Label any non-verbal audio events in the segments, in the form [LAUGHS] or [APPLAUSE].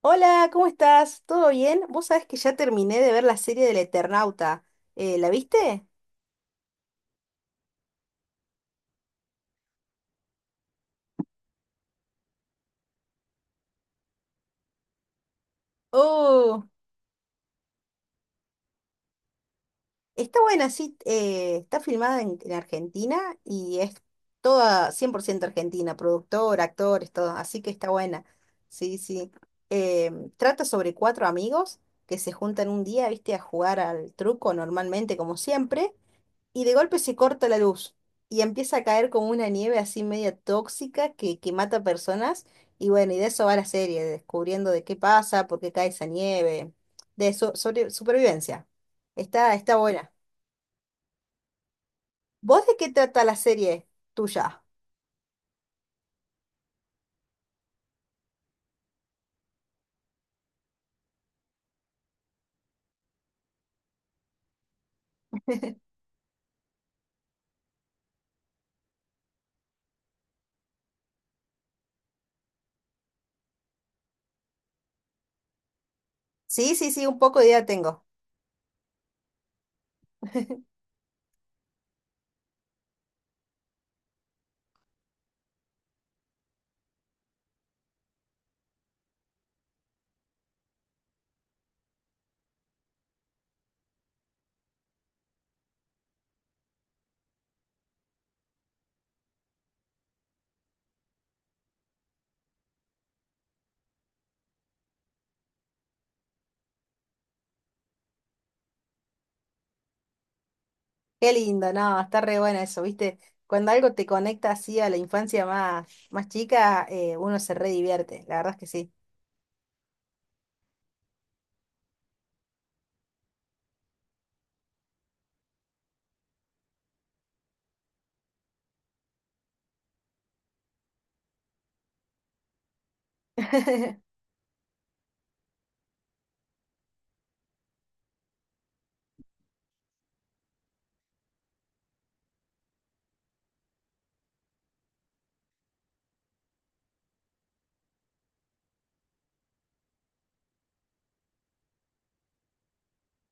Hola, ¿cómo estás? ¿Todo bien? Vos sabés que ya terminé de ver la serie del Eternauta. ¿La viste? Oh, está buena, sí. Está filmada en Argentina y es toda 100% argentina, productor, actores, todo. Así que está buena. Sí, sí. Trata sobre cuatro amigos que se juntan un día, viste, a jugar al truco normalmente, como siempre. Y de golpe se corta la luz y empieza a caer como una nieve así media tóxica que mata personas. Y bueno, y de eso va la serie, descubriendo de qué pasa, por qué cae esa nieve, sobre supervivencia. Está buena. ¿Vos de qué trata la serie tuya? Sí, sí, sí, un poco de idea tengo. Qué lindo, no, está re buena eso, ¿viste? Cuando algo te conecta así a la infancia más, más chica, uno se re divierte, la verdad es que sí. [LAUGHS]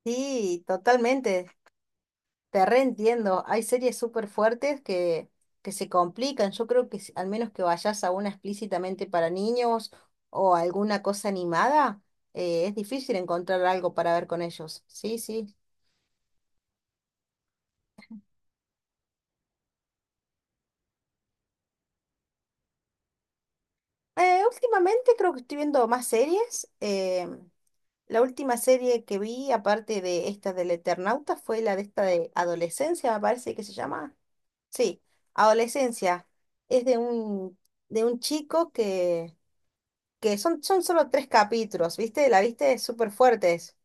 Sí, totalmente. Te reentiendo, hay series súper fuertes que se complican. Yo creo que al menos que vayas a una explícitamente para niños o alguna cosa animada, es difícil encontrar algo para ver con ellos. Sí, sí. Últimamente creo que estoy viendo más series. La última serie que vi, aparte de esta del Eternauta, fue la de esta de Adolescencia, me parece que se llama. Sí, Adolescencia. Es de de un chico que son solo tres capítulos, ¿viste? La viste súper fuertes.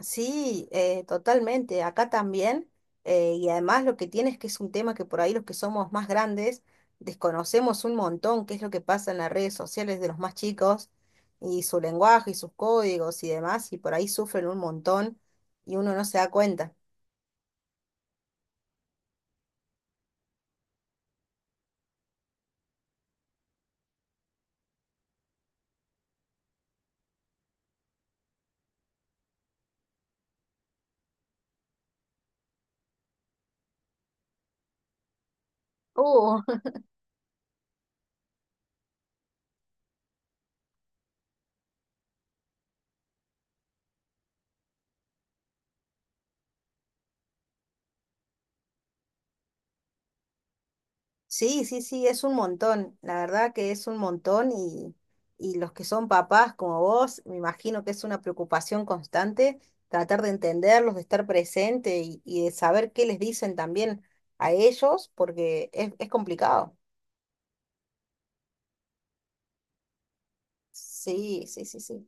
Sí, totalmente, acá también. Y además lo que tiene es que es un tema que por ahí los que somos más grandes desconocemos un montón qué es lo que pasa en las redes sociales de los más chicos y su lenguaje y sus códigos y demás, y por ahí sufren un montón y uno no se da cuenta. Uh, Sí, sí, sí, es un montón, la verdad que es un montón y los que son papás como vos, me imagino que es una preocupación constante tratar de entenderlos, de estar presente y de saber qué les dicen también a ellos, porque es complicado. Sí, sí, sí, sí.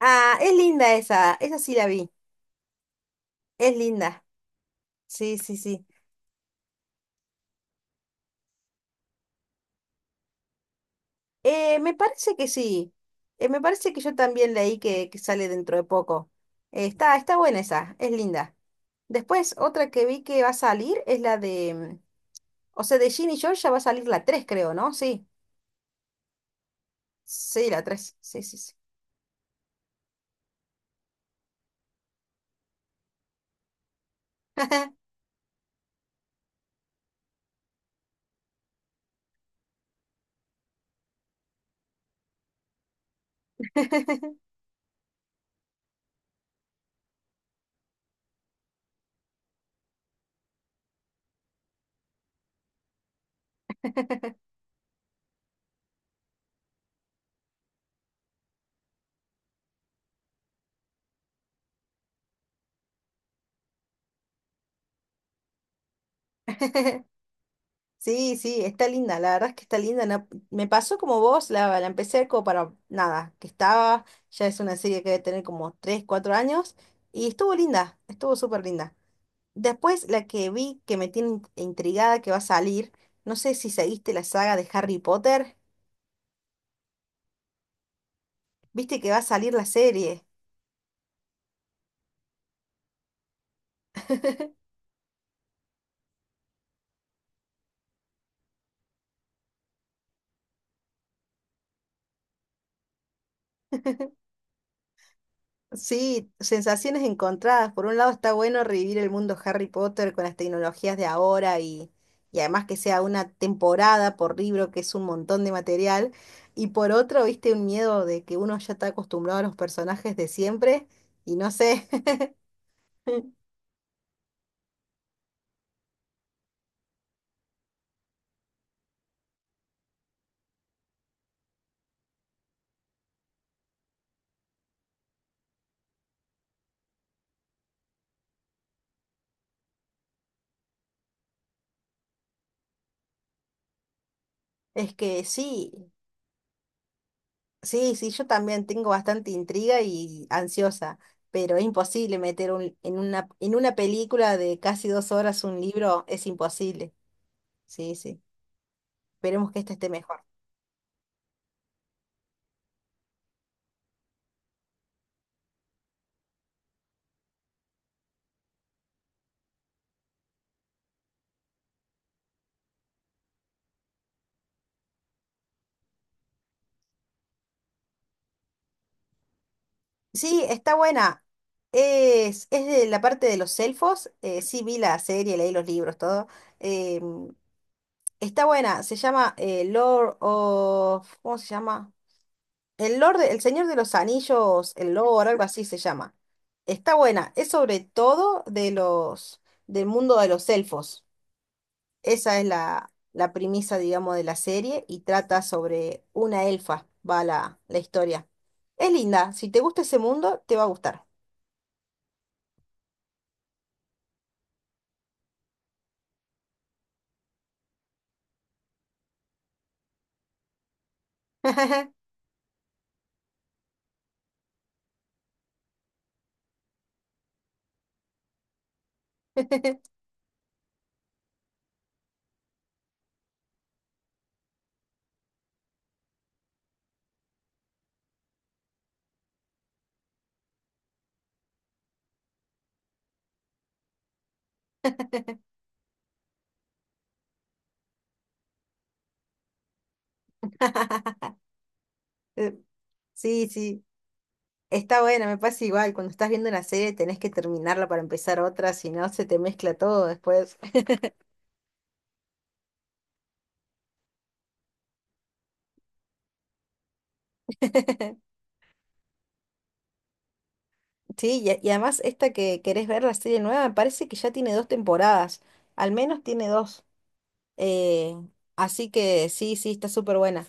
Ah, es linda esa sí la vi, es linda, sí, sí, sí. Me parece que sí. Me parece que yo también leí que sale dentro de poco. Está buena esa, es linda. Después, otra que vi que va a salir es la de, o sea, de Ginny y Georgia va a salir la tres creo, ¿no? Sí. Sí, la tres. Sí, sí, sí. [LAUGHS] Sí, sí, está linda, la verdad es que está linda. Me pasó como vos, la empecé como para nada, que estaba, ya es una serie que debe tener como 3 4 años, y estuvo linda, estuvo súper linda. Después, la que vi que me tiene intrigada que va a salir, no sé si seguiste la saga de Harry Potter, viste que va a salir la serie. [LAUGHS] Sí, sensaciones encontradas. Por un lado está bueno revivir el mundo Harry Potter con las tecnologías de ahora y además que sea una temporada por libro, que es un montón de material. Y por otro, viste un miedo de que uno ya está acostumbrado a los personajes de siempre y no sé. [LAUGHS] Es que sí. Sí, sí, yo también tengo bastante intriga y ansiosa, pero es imposible meter en una película de casi 2 horas un libro, es imposible. Sí, sí. Esperemos que esta esté mejor. Sí, está buena. Es de la parte de los elfos. Sí, vi la serie, leí los libros, todo. Em, está buena. Se llama Lord of... ¿Cómo se llama? El Lord, el Señor de los Anillos, el Lord, algo así se llama. Está buena. Es sobre todo del mundo de los elfos. Esa es la premisa, digamos, de la serie y trata sobre una elfa, va la historia. Es linda. Si te gusta ese mundo, te va a gustar. [LAUGHS] Eh, sí, sí. Está buena, me pasa igual. Cuando estás viendo una serie tenés que terminarla para empezar otra, si no se te mezcla todo después. [LAUGHS] Sí, y además esta que querés ver, la serie nueva, me parece que ya tiene dos temporadas, al menos tiene dos. eh, Así que sí, sí, está súper buena,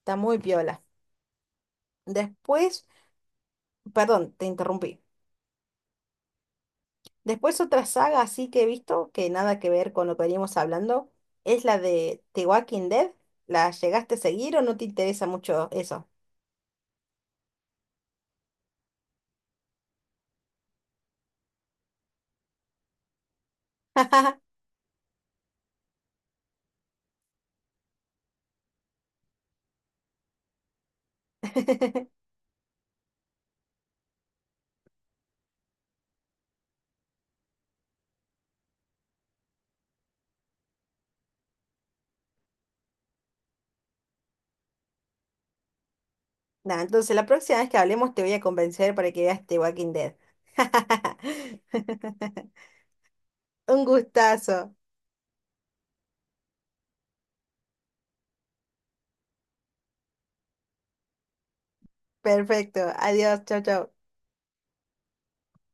está muy piola. Después, perdón, te interrumpí. Después otra saga así que he visto, que nada que ver con lo que veníamos hablando, es la de The Walking Dead. ¿La llegaste a seguir o no te interesa mucho eso? [LAUGHS] Nada, entonces la próxima vez que hablemos te voy a convencer para que veas The Walking Dead. [LAUGHS] Un gustazo. Perfecto. Adiós. Chao, chao.